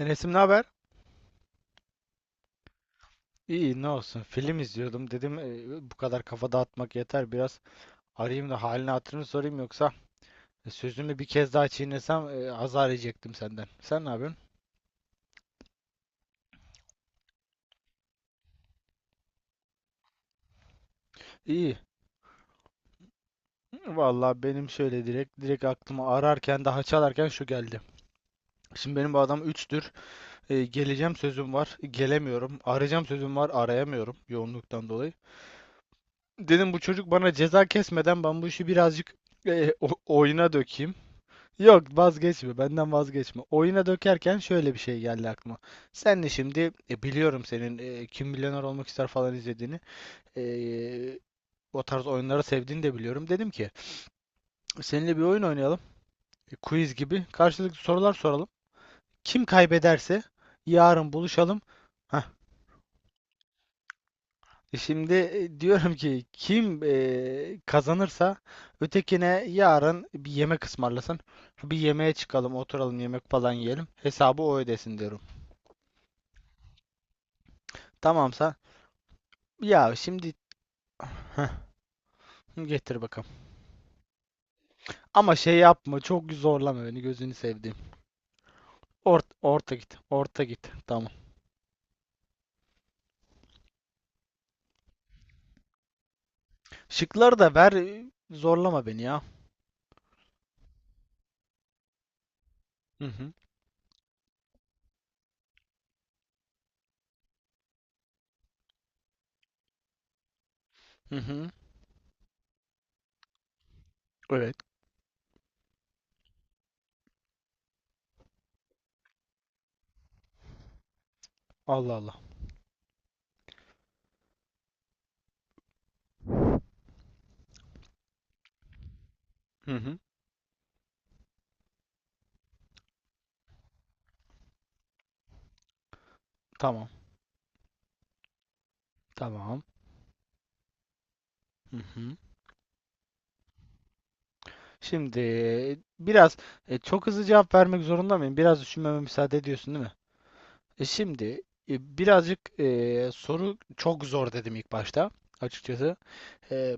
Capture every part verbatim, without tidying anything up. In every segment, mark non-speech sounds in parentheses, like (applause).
Enes'im ne haber? İyi, ne olsun, film izliyordum, dedim e, bu kadar kafa dağıtmak yeter, biraz arayayım da halini hatırını sorayım, yoksa e, sözümü bir kez daha çiğnesem e, azar yiyecektim senden. Sen ne yapıyorsun? İyi. Vallahi benim şöyle direkt direkt aklıma, ararken daha çalarken şu geldi: şimdi benim bu adam üçtür, E, geleceğim sözüm var, gelemiyorum; arayacağım sözüm var, arayamıyorum, yoğunluktan dolayı. Dedim, bu çocuk bana ceza kesmeden ben bu işi birazcık e, o- oyuna dökeyim. Yok, vazgeçme. Benden vazgeçme. Oyuna dökerken şöyle bir şey geldi aklıma. Sen de şimdi, e, biliyorum, senin e, Kim Milyoner Olmak ister falan izlediğini. e, O tarz oyunları sevdiğini de biliyorum. Dedim ki seninle bir oyun oynayalım. E, quiz gibi. Karşılıklı sorular soralım. Kim kaybederse yarın buluşalım. Hah. E, Şimdi e, diyorum ki kim e, kazanırsa ötekine yarın bir yemek ısmarlasın. Bir yemeğe çıkalım, oturalım, yemek falan yiyelim. Hesabı o ödesin diyorum. Tamamsa. Ya şimdi. Heh, getir bakalım. Ama şey yapma, çok zorlama beni, gözünü sevdiğim. Ort orta git. Orta git. Tamam. Şıkları da ver, e, zorlama beni ya. Hı hı. Hı hı. Evet. Allah Allah. Hı hı. Tamam. Tamam. Hı hı. Şimdi biraz, e, çok hızlı cevap vermek zorunda mıyım? Biraz düşünmeme müsaade ediyorsun, değil mi? E, şimdi e, birazcık, e, soru çok zor dedim ilk başta, açıkçası. E,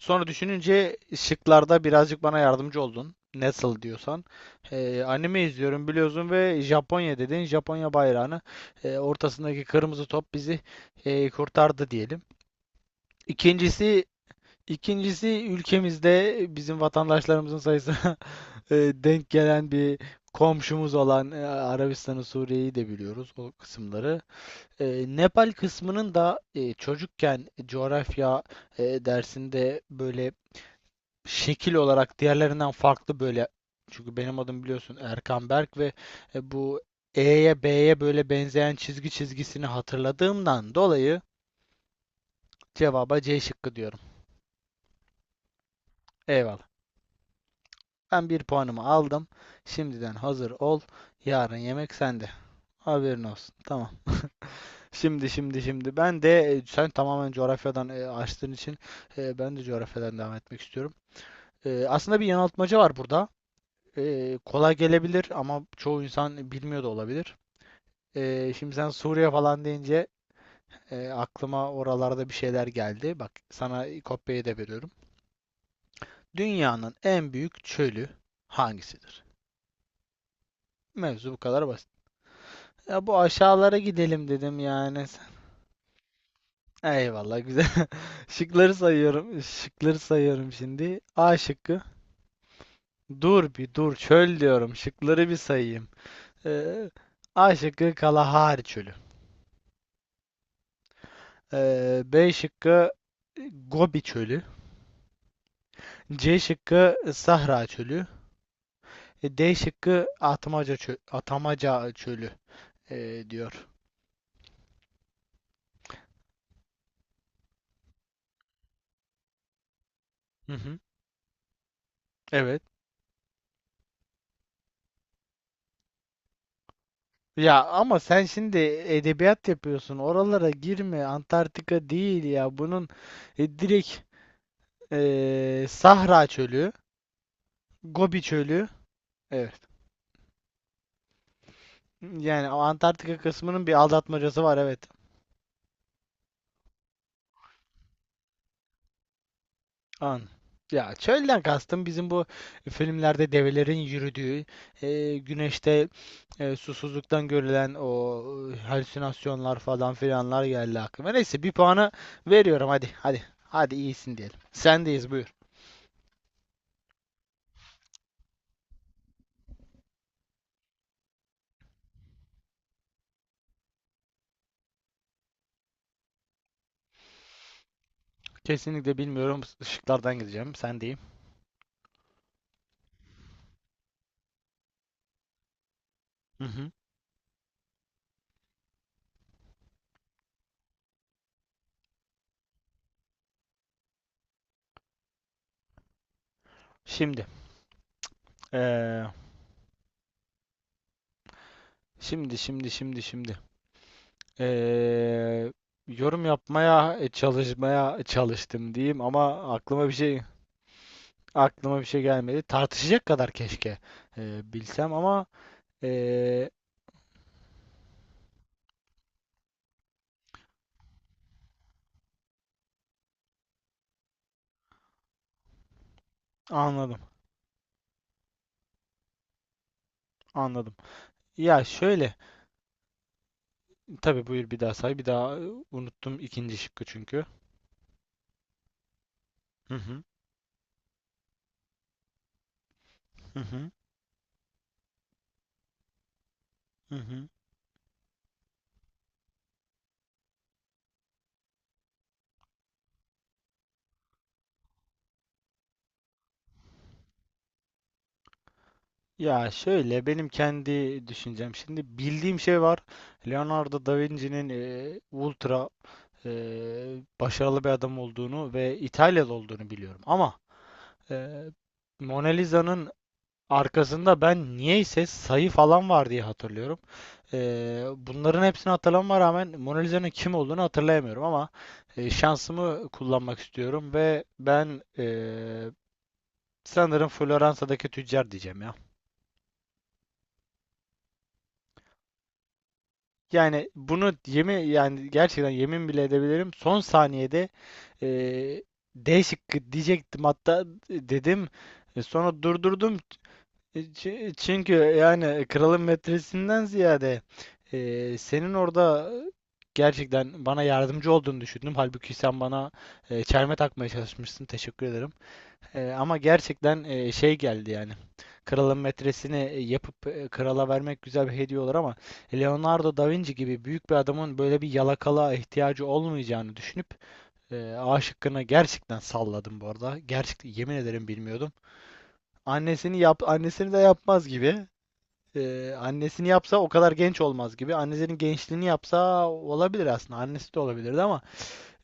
Sonra düşününce şıklarda birazcık bana yardımcı oldun, nasıl diyorsan. Ee, anime izliyorum biliyorsun ve Japonya dedin. Japonya bayrağını, e, ortasındaki kırmızı top bizi e, kurtardı diyelim. İkincisi ikincisi ülkemizde bizim vatandaşlarımızın sayısına (laughs) e, denk gelen bir komşumuz olan e, Arabistan'ı, Suriye'yi de biliyoruz, o kısımları. E, Nepal kısmının da, e, çocukken coğrafya e, dersinde böyle şekil olarak diğerlerinden farklı, böyle, çünkü benim adım biliyorsun Erkan Berk ve e, bu E'ye B'ye böyle benzeyen çizgi çizgisini hatırladığımdan dolayı cevaba C şıkkı diyorum. Eyvallah. Ben bir puanımı aldım. Şimdiden hazır ol. Yarın yemek sende. Haberin olsun. Tamam. Şimdi şimdi şimdi ben de, e, sen tamamen coğrafyadan e, açtığın için e, ben de coğrafyadan devam etmek istiyorum. E, aslında bir yanıltmaca var burada. E, kolay gelebilir ama çoğu insan bilmiyor da olabilir. Ee, şimdi sen Suriye falan deyince e, aklıma oralarda bir şeyler geldi. Bak, sana kopyayı da veriyorum. Dünyanın en büyük çölü hangisidir? Mevzu bu kadar basit. Ya bu aşağılara gidelim dedim yani. Eyvallah, güzel. (laughs) Şıkları sayıyorum. Şıkları sayıyorum şimdi. A şıkkı. Dur bir dur, çöl diyorum. Şıkları bir sayayım. Ee, A şıkkı Kalahari Çölü. Ee, B şıkkı Gobi Çölü. C şıkkı Sahra Çölü. E, D şıkkı Atmaca çö Atamaca çölü e, diyor. Hı hı. Evet. Ya ama sen şimdi edebiyat yapıyorsun. Oralara girme. Antarktika değil ya. Bunun e, direkt e, Sahra çölü, Gobi çölü. Evet. Yani o Antarktika kısmının bir aldatmacası var, evet. An. Ya çölden kastım bizim bu filmlerde develerin yürüdüğü, e, güneşte e, susuzluktan görülen o e, halüsinasyonlar falan filanlar geldi aklıma. Neyse, bir puanı veriyorum, hadi hadi. Hadi, iyisin diyelim. Sendeyiz, buyur. Kesinlikle bilmiyorum. Işıklardan gideceğim. Sendeyim. Hı hı. Şimdi. e, şimdi şimdi şimdi şimdi. E, Yorum yapmaya e, çalışmaya çalıştım diyeyim ama aklıma bir şey. Aklıma bir şey gelmedi. Tartışacak kadar keşke e, bilsem ama e, anladım. Anladım. Ya şöyle. Tabii, buyur, bir daha say. Bir daha, e, unuttum ikinci şıkkı çünkü. Hı hı. Hı hı. Hı hı. Ya şöyle, benim kendi düşüncem. Şimdi bildiğim şey var. Leonardo da Vinci'nin e, ultra e, başarılı bir adam olduğunu ve İtalyalı olduğunu biliyorum. Ama e, Mona Lisa'nın arkasında ben niyeyse sayı falan var diye hatırlıyorum. Ee, bunların hepsini hatırlamama rağmen Mona Lisa'nın kim olduğunu hatırlayamıyorum ama e, şansımı kullanmak istiyorum ve ben, e, sanırım Floransa'daki tüccar diyeceğim ya. Yani bunu yemin, yani gerçekten yemin bile edebilirim. Son saniyede e, D şıkkı diyecektim hatta, dedim, E, sonra durdurdum. E, çü- Çünkü yani kralın metresinden ziyade e, senin orada gerçekten bana yardımcı olduğunu düşündüm. Halbuki sen bana e, çelme takmaya çalışmışsın. Teşekkür ederim. E, ama gerçekten e, şey geldi yani. Kralın metresini e, yapıp e, krala vermek güzel bir hediye olur ama Leonardo da Vinci gibi büyük bir adamın böyle bir yalakalığa ihtiyacı olmayacağını düşünüp e, A şıkkını gerçekten salladım bu arada. Gerçekten yemin ederim, bilmiyordum. Annesini yap, annesini de yapmaz gibi. Ee, annesini yapsa o kadar genç olmaz gibi. Annesinin gençliğini yapsa olabilir aslında. Annesi de olabilirdi ama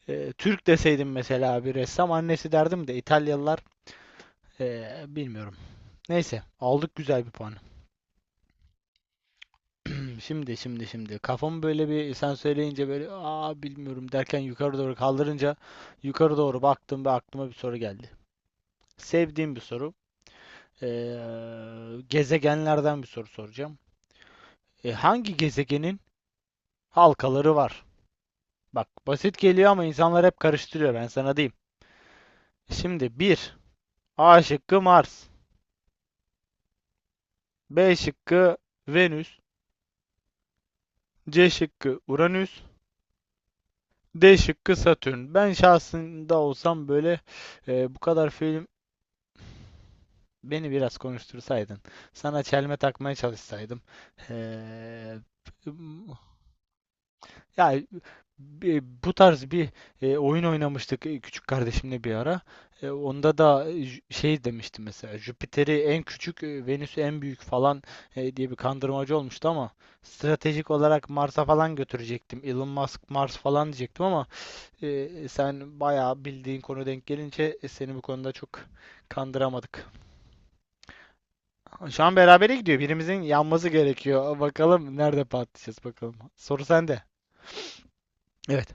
e, Türk deseydim mesela bir ressam annesi derdim de İtalyalılar, e, bilmiyorum. Neyse, aldık güzel bir puanı. Hmm. Şimdi şimdi şimdi kafamı böyle bir, sen söyleyince, böyle "aa bilmiyorum" derken yukarı doğru kaldırınca yukarı doğru baktım ve aklıma bir soru geldi. Sevdiğim bir soru. Ee, gezegenlerden bir soru soracağım. E, hangi gezegenin halkaları var? Bak basit geliyor ama insanlar hep karıştırıyor, ben sana diyeyim. Şimdi bir, A şıkkı Mars. B şıkkı Venüs. C şıkkı Uranüs. D şıkkı Satürn. Ben şahsında olsam böyle, e, bu kadar film beni biraz konuştursaydın. Sana çelme takmaya çalışsaydım. e, Ya bi- bu tarz bir e, oyun oynamıştık e, küçük kardeşimle bir ara. E, onda da e, şey demişti mesela: Jüpiter'i en küçük, e, Venüs'ü en büyük falan e, diye bir kandırmacı olmuştu ama stratejik olarak Mars'a falan götürecektim. Elon Musk, Mars falan diyecektim ama e, sen bayağı bildiğin konu denk gelince e, seni bu konuda çok kandıramadık. Şu an berabere gidiyor. Birimizin yanması gerekiyor. Bakalım nerede patlayacağız, bakalım. Soru sende. Evet.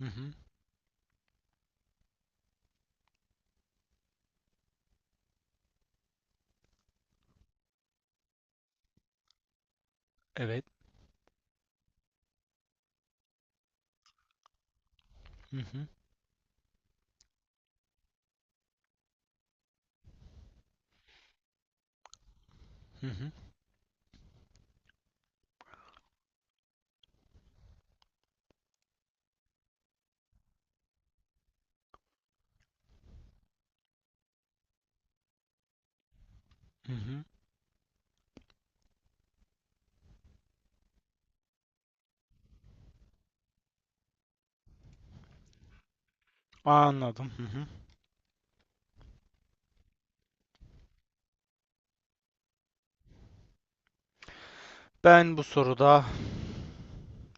Hı hı. Evet. Hı hı. Hı hı. Hı hı. Anladım. Hı hı. Ben bu soruda,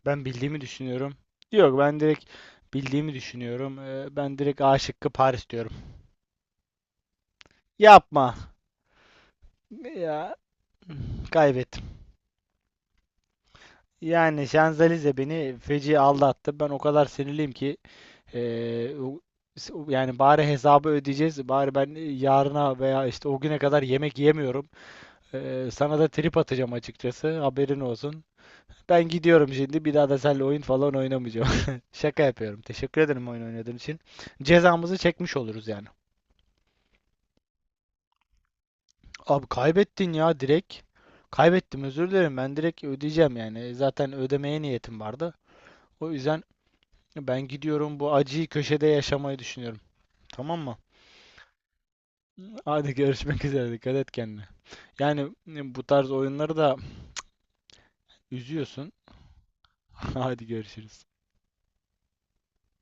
ben bildiğimi düşünüyorum. Yok, ben direkt bildiğimi düşünüyorum. Ee, ben direkt A şıkkı Paris diyorum. Yapma. Ya kaybettim. Yani Şanzelize beni feci aldattı. Ben o kadar sinirliyim ki, ee, o- yani bari hesabı ödeyeceğiz. Bari ben yarına veya işte o güne kadar yemek yemiyorum. Ee, sana da trip atacağım, açıkçası. Haberin olsun. Ben gidiyorum şimdi. Bir daha da seninle oyun falan oynamayacağım. (laughs) Şaka yapıyorum. Teşekkür ederim oyun oynadığın için. Cezamızı çekmiş oluruz yani. Abi kaybettin ya direkt. Kaybettim, özür dilerim. Ben direkt ödeyeceğim yani. Zaten ödemeye niyetim vardı. O yüzden ben gidiyorum, bu acıyı köşede yaşamayı düşünüyorum. Tamam mı? Hadi görüşmek üzere. Dikkat et kendine. Yani bu tarz oyunları da üzüyorsun. (laughs) Hadi görüşürüz.